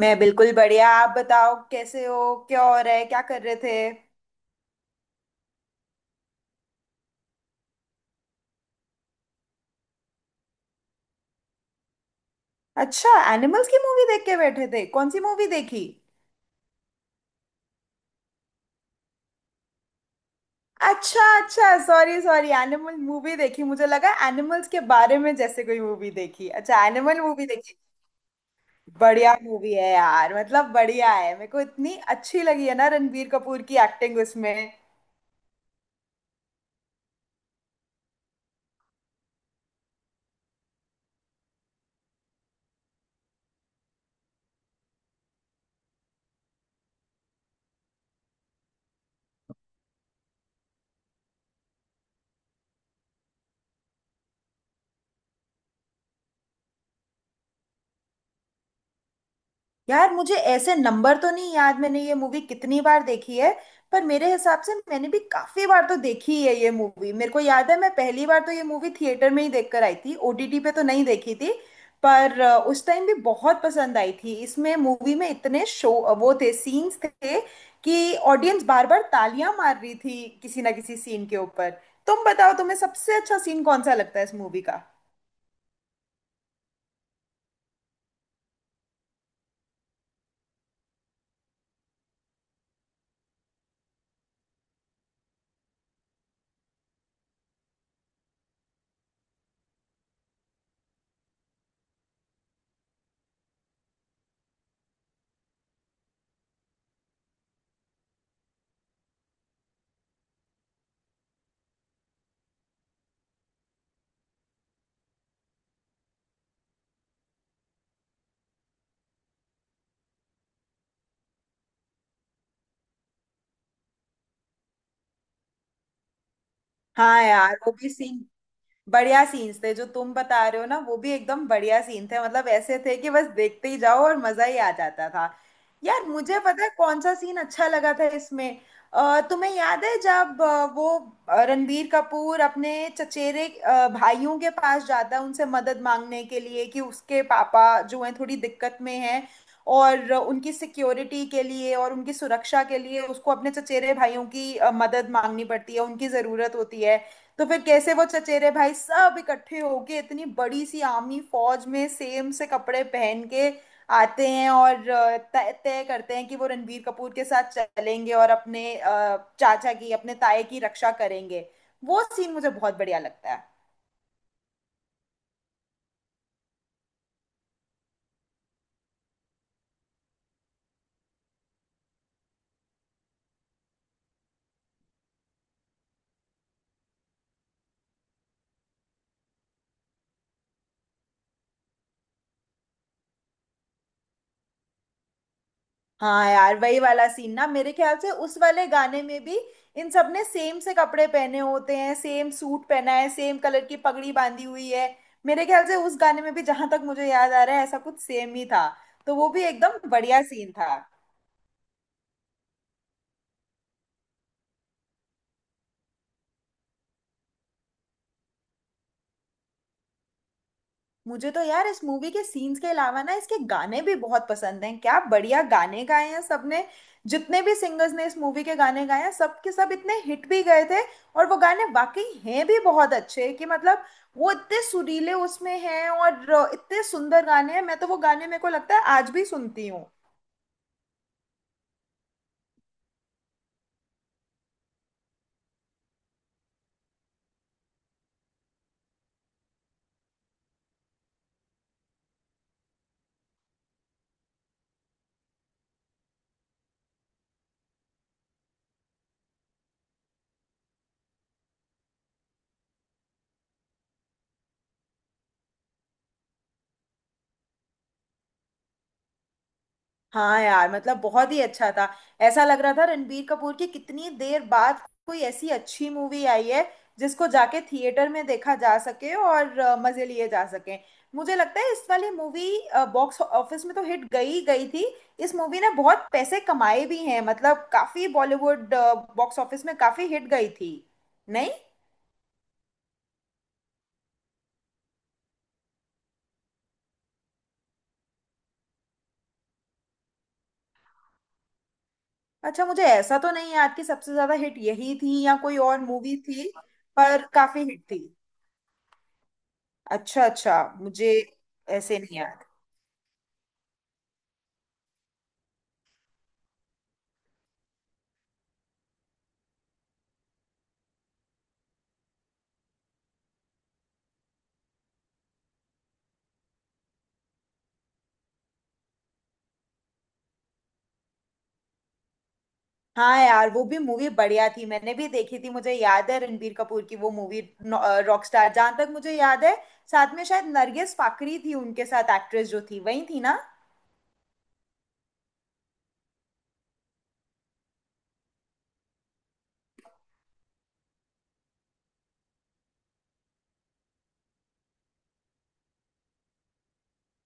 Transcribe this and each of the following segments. मैं बिल्कुल बढ़िया। आप बताओ कैसे हो, क्या हो रहा है, क्या कर रहे थे? अच्छा, एनिमल्स की मूवी देख के बैठे थे? कौन सी मूवी देखी? अच्छा अच्छा, सॉरी सॉरी, एनिमल मूवी देखी। मुझे लगा एनिमल्स के बारे में जैसे कोई मूवी देखी। अच्छा, एनिमल मूवी देखी। बढ़िया मूवी है यार, मतलब बढ़िया है। मेरे को इतनी अच्छी लगी है ना रणबीर कपूर की एक्टिंग उसमें। यार मुझे ऐसे नंबर तो नहीं याद मैंने ये मूवी कितनी बार देखी है। पर मेरे हिसाब से मैंने भी काफी बार तो देखी है ये मूवी। मेरे को याद है, मैं पहली बार तो ये मूवी थिएटर में ही देखकर आई थी, ओटीटी पे तो नहीं देखी थी। पर उस टाइम भी बहुत पसंद आई थी। इसमें मूवी में इतने शो वो थे, सीन्स थे कि ऑडियंस बार बार तालियां मार रही थी किसी ना किसी सीन के ऊपर। तुम बताओ तुम्हें सबसे अच्छा सीन कौन सा लगता है इस मूवी का? हाँ यार, वो भी सीन बढ़िया सीन्स थे जो तुम बता रहे हो ना, वो भी एकदम बढ़िया सीन थे। मतलब ऐसे थे कि बस देखते ही जाओ और मजा ही आ जाता था। यार मुझे पता है कौन सा सीन अच्छा लगा था इसमें। तुम्हें याद है जब वो रणबीर कपूर अपने चचेरे भाइयों के पास जाता है उनसे मदद मांगने के लिए कि उसके पापा जो हैं थोड़ी दिक्कत में हैं। और उनकी सिक्योरिटी के लिए और उनकी सुरक्षा के लिए उसको अपने चचेरे भाइयों की मदद मांगनी पड़ती है, उनकी ज़रूरत होती है। तो फिर कैसे वो चचेरे भाई सब इकट्ठे होके इतनी बड़ी सी आर्मी फौज में सेम से कपड़े पहन के आते हैं और तय तय करते हैं कि वो रणबीर कपूर के साथ चलेंगे और अपने चाचा की अपने ताए की रक्षा करेंगे। वो सीन मुझे बहुत बढ़िया लगता है। हाँ यार, वही वाला सीन ना, मेरे ख्याल से उस वाले गाने में भी इन सब ने सेम से कपड़े पहने होते हैं, सेम सूट पहना है, सेम कलर की पगड़ी बांधी हुई है। मेरे ख्याल से उस गाने में भी जहां तक मुझे याद आ रहा है ऐसा कुछ सेम ही था। तो वो भी एकदम बढ़िया सीन था। मुझे तो यार इस मूवी के सीन्स के अलावा ना इसके गाने भी बहुत पसंद हैं। क्या बढ़िया गाने गाए हैं सबने! जितने भी सिंगर्स ने इस मूवी के गाने गाए हैं सब के सब इतने हिट भी गए थे। और वो गाने वाकई हैं भी बहुत अच्छे कि मतलब वो इतने सुरीले उसमें हैं और इतने सुंदर गाने हैं। मैं तो वो गाने मेरे को लगता है आज भी सुनती हूँ। हाँ यार मतलब बहुत ही अच्छा था। ऐसा लग रहा था रणबीर कपूर की कितनी देर बाद कोई ऐसी अच्छी मूवी आई है जिसको जाके थिएटर में देखा जा सके और मजे लिए जा सके। मुझे लगता है इस वाली मूवी बॉक्स ऑफिस में तो हिट गई ही गई थी। इस मूवी ने बहुत पैसे कमाए भी हैं, मतलब काफी बॉलीवुड बॉक्स ऑफिस में काफी हिट गई थी। नहीं। अच्छा, मुझे ऐसा तो नहीं याद कि सबसे ज्यादा हिट यही थी या कोई और मूवी थी। पर काफी हिट थी। अच्छा अच्छा। मुझे ऐसे नहीं याद। हाँ यार वो भी मूवी बढ़िया थी, मैंने भी देखी थी। मुझे याद है रणबीर कपूर की वो मूवी रॉकस्टार, जहां तक मुझे याद है साथ में शायद नरगिस फाकरी थी, उनके साथ एक्ट्रेस जो थी वही थी ना?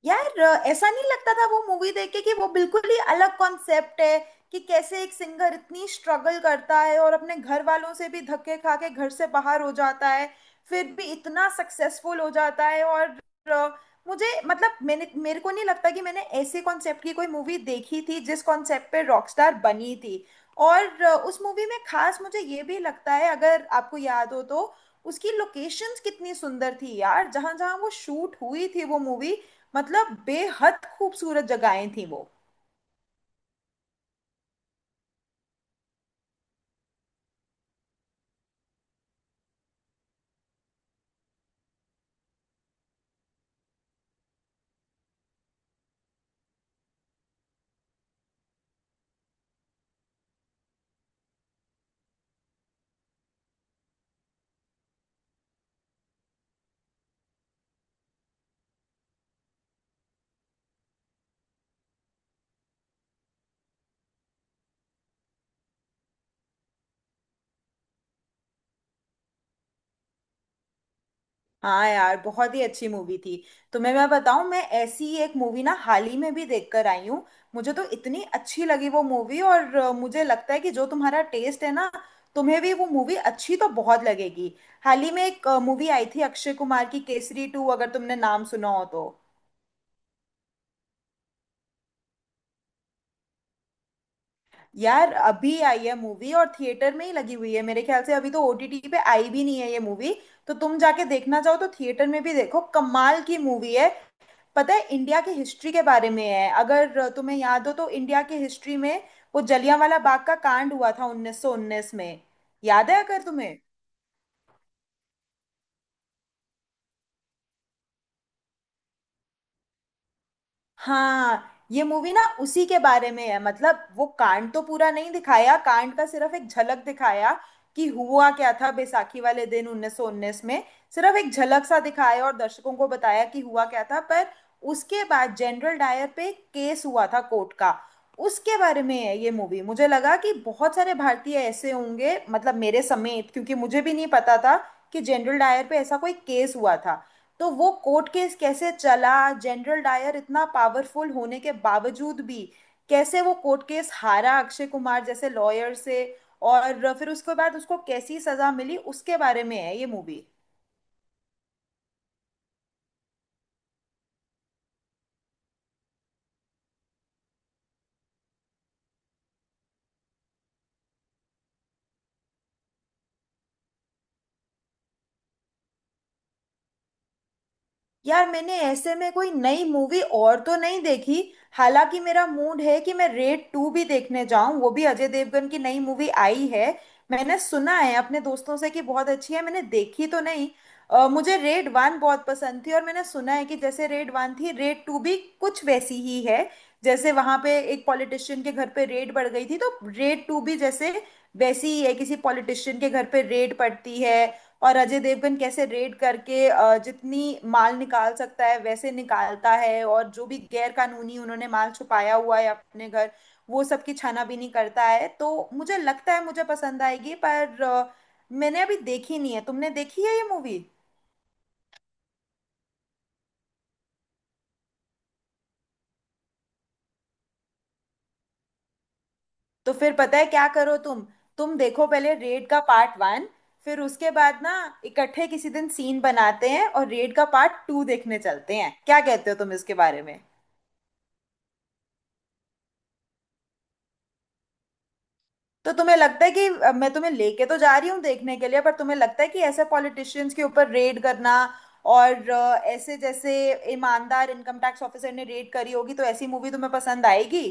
यार ऐसा नहीं लगता था वो मूवी देख के कि वो बिल्कुल ही अलग कॉन्सेप्ट है कि कैसे एक सिंगर इतनी स्ट्रगल करता है और अपने घर वालों से भी धक्के खा के घर से बाहर हो जाता है फिर भी इतना सक्सेसफुल हो जाता है और अ, मुझे मतलब मैंने मेरे को नहीं लगता कि मैंने ऐसे कॉन्सेप्ट की कोई मूवी देखी थी जिस कॉन्सेप्ट पे रॉकस्टार बनी थी। और उस मूवी में खास मुझे ये भी लगता है अगर आपको याद हो तो उसकी लोकेशंस कितनी सुंदर थी यार, जहां जहां वो शूट हुई थी वो मूवी। मतलब बेहद खूबसूरत जगहें थी वो। हाँ यार बहुत ही अच्छी मूवी थी। तुम्हें मैं बताऊं, मैं ऐसी ही एक मूवी ना हाल ही में भी देख कर आई हूँ। मुझे तो इतनी अच्छी लगी वो मूवी और मुझे लगता है कि जो तुम्हारा टेस्ट है ना, तुम्हें भी वो मूवी अच्छी तो बहुत लगेगी। हाल ही में एक मूवी आई थी अक्षय कुमार की, केसरी टू, अगर तुमने नाम सुना हो तो। यार अभी आई है मूवी और थिएटर में ही लगी हुई है मेरे ख्याल से, अभी तो ओटीटी पे आई भी नहीं है ये मूवी। तो तुम जाके देखना चाहो तो थिएटर में भी देखो, कमाल की मूवी है। पता है, इंडिया की हिस्ट्री के बारे में है, अगर तुम्हें याद हो तो इंडिया की हिस्ट्री में वो जलियांवाला बाग का कांड हुआ था 1919 में। याद है अगर तुम्हें? हाँ, ये मूवी ना उसी के बारे में है। मतलब वो कांड तो पूरा नहीं दिखाया, कांड का सिर्फ एक झलक दिखाया कि हुआ क्या था बैसाखी वाले दिन 1919 में। सिर्फ एक झलक सा दिखाया और दर्शकों को बताया कि हुआ क्या था। पर उसके बाद जनरल डायर पे एक केस हुआ था कोर्ट का, उसके बारे में है ये मूवी। मुझे लगा कि बहुत सारे भारतीय ऐसे होंगे मतलब मेरे समेत, क्योंकि मुझे भी नहीं पता था कि जनरल डायर पे ऐसा कोई केस हुआ था। तो वो कोर्ट केस कैसे चला, जनरल डायर इतना पावरफुल होने के बावजूद भी कैसे वो कोर्ट केस हारा अक्षय कुमार जैसे लॉयर से, और फिर उसके बाद उसको कैसी सजा मिली, उसके बारे में है ये मूवी। यार मैंने ऐसे में कोई नई मूवी और तो नहीं देखी। हालांकि मेरा मूड है कि मैं रेड टू भी देखने जाऊं, वो भी अजय देवगन की नई मूवी आई है। मैंने सुना है अपने दोस्तों से कि बहुत अच्छी है, मैंने देखी तो नहीं। मुझे रेड वन बहुत पसंद थी और मैंने सुना है कि जैसे रेड वन थी रेड टू भी कुछ वैसी ही है। जैसे वहां पे एक पॉलिटिशियन के घर पे रेड पड़ गई थी, तो रेड टू भी जैसे वैसी ही है, किसी पॉलिटिशियन के घर पे रेड पड़ती है। और अजय देवगन कैसे रेड करके जितनी माल निकाल सकता है वैसे निकालता है, और जो भी गैर कानूनी उन्होंने माल छुपाया हुआ है अपने घर वो सब की छानाबीनी करता है। तो मुझे लगता है मुझे पसंद आएगी, पर मैंने अभी देखी नहीं है। तुमने देखी है ये मूवी? तो फिर पता है क्या करो तुम देखो पहले रेड का पार्ट वन। फिर उसके बाद ना इकट्ठे किसी दिन सीन बनाते हैं और रेड का पार्ट टू देखने चलते हैं, क्या कहते हो तुम इसके बारे में? तो तुम्हें लगता है कि मैं तुम्हें लेके तो जा रही हूँ देखने के लिए, पर तुम्हें लगता है कि ऐसे पॉलिटिशियंस के ऊपर रेड करना और ऐसे जैसे ईमानदार इनकम टैक्स ऑफिसर ने रेड करी होगी, तो ऐसी मूवी तुम्हें पसंद आएगी?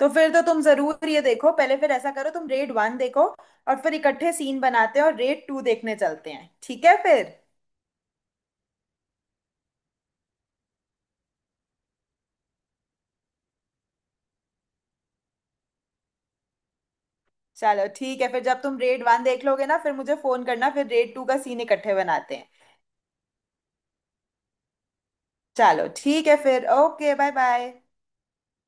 तो फिर तो तुम जरूर ये देखो पहले, फिर ऐसा करो तुम रेड वन देखो और फिर इकट्ठे सीन बनाते हैं और रेड टू देखने चलते हैं, ठीक है फिर? चलो ठीक है फिर। जब तुम रेड वन देख लोगे ना फिर मुझे फोन करना, फिर रेड टू का सीन इकट्ठे बनाते हैं। चलो ठीक है फिर, ओके, बाय बाय।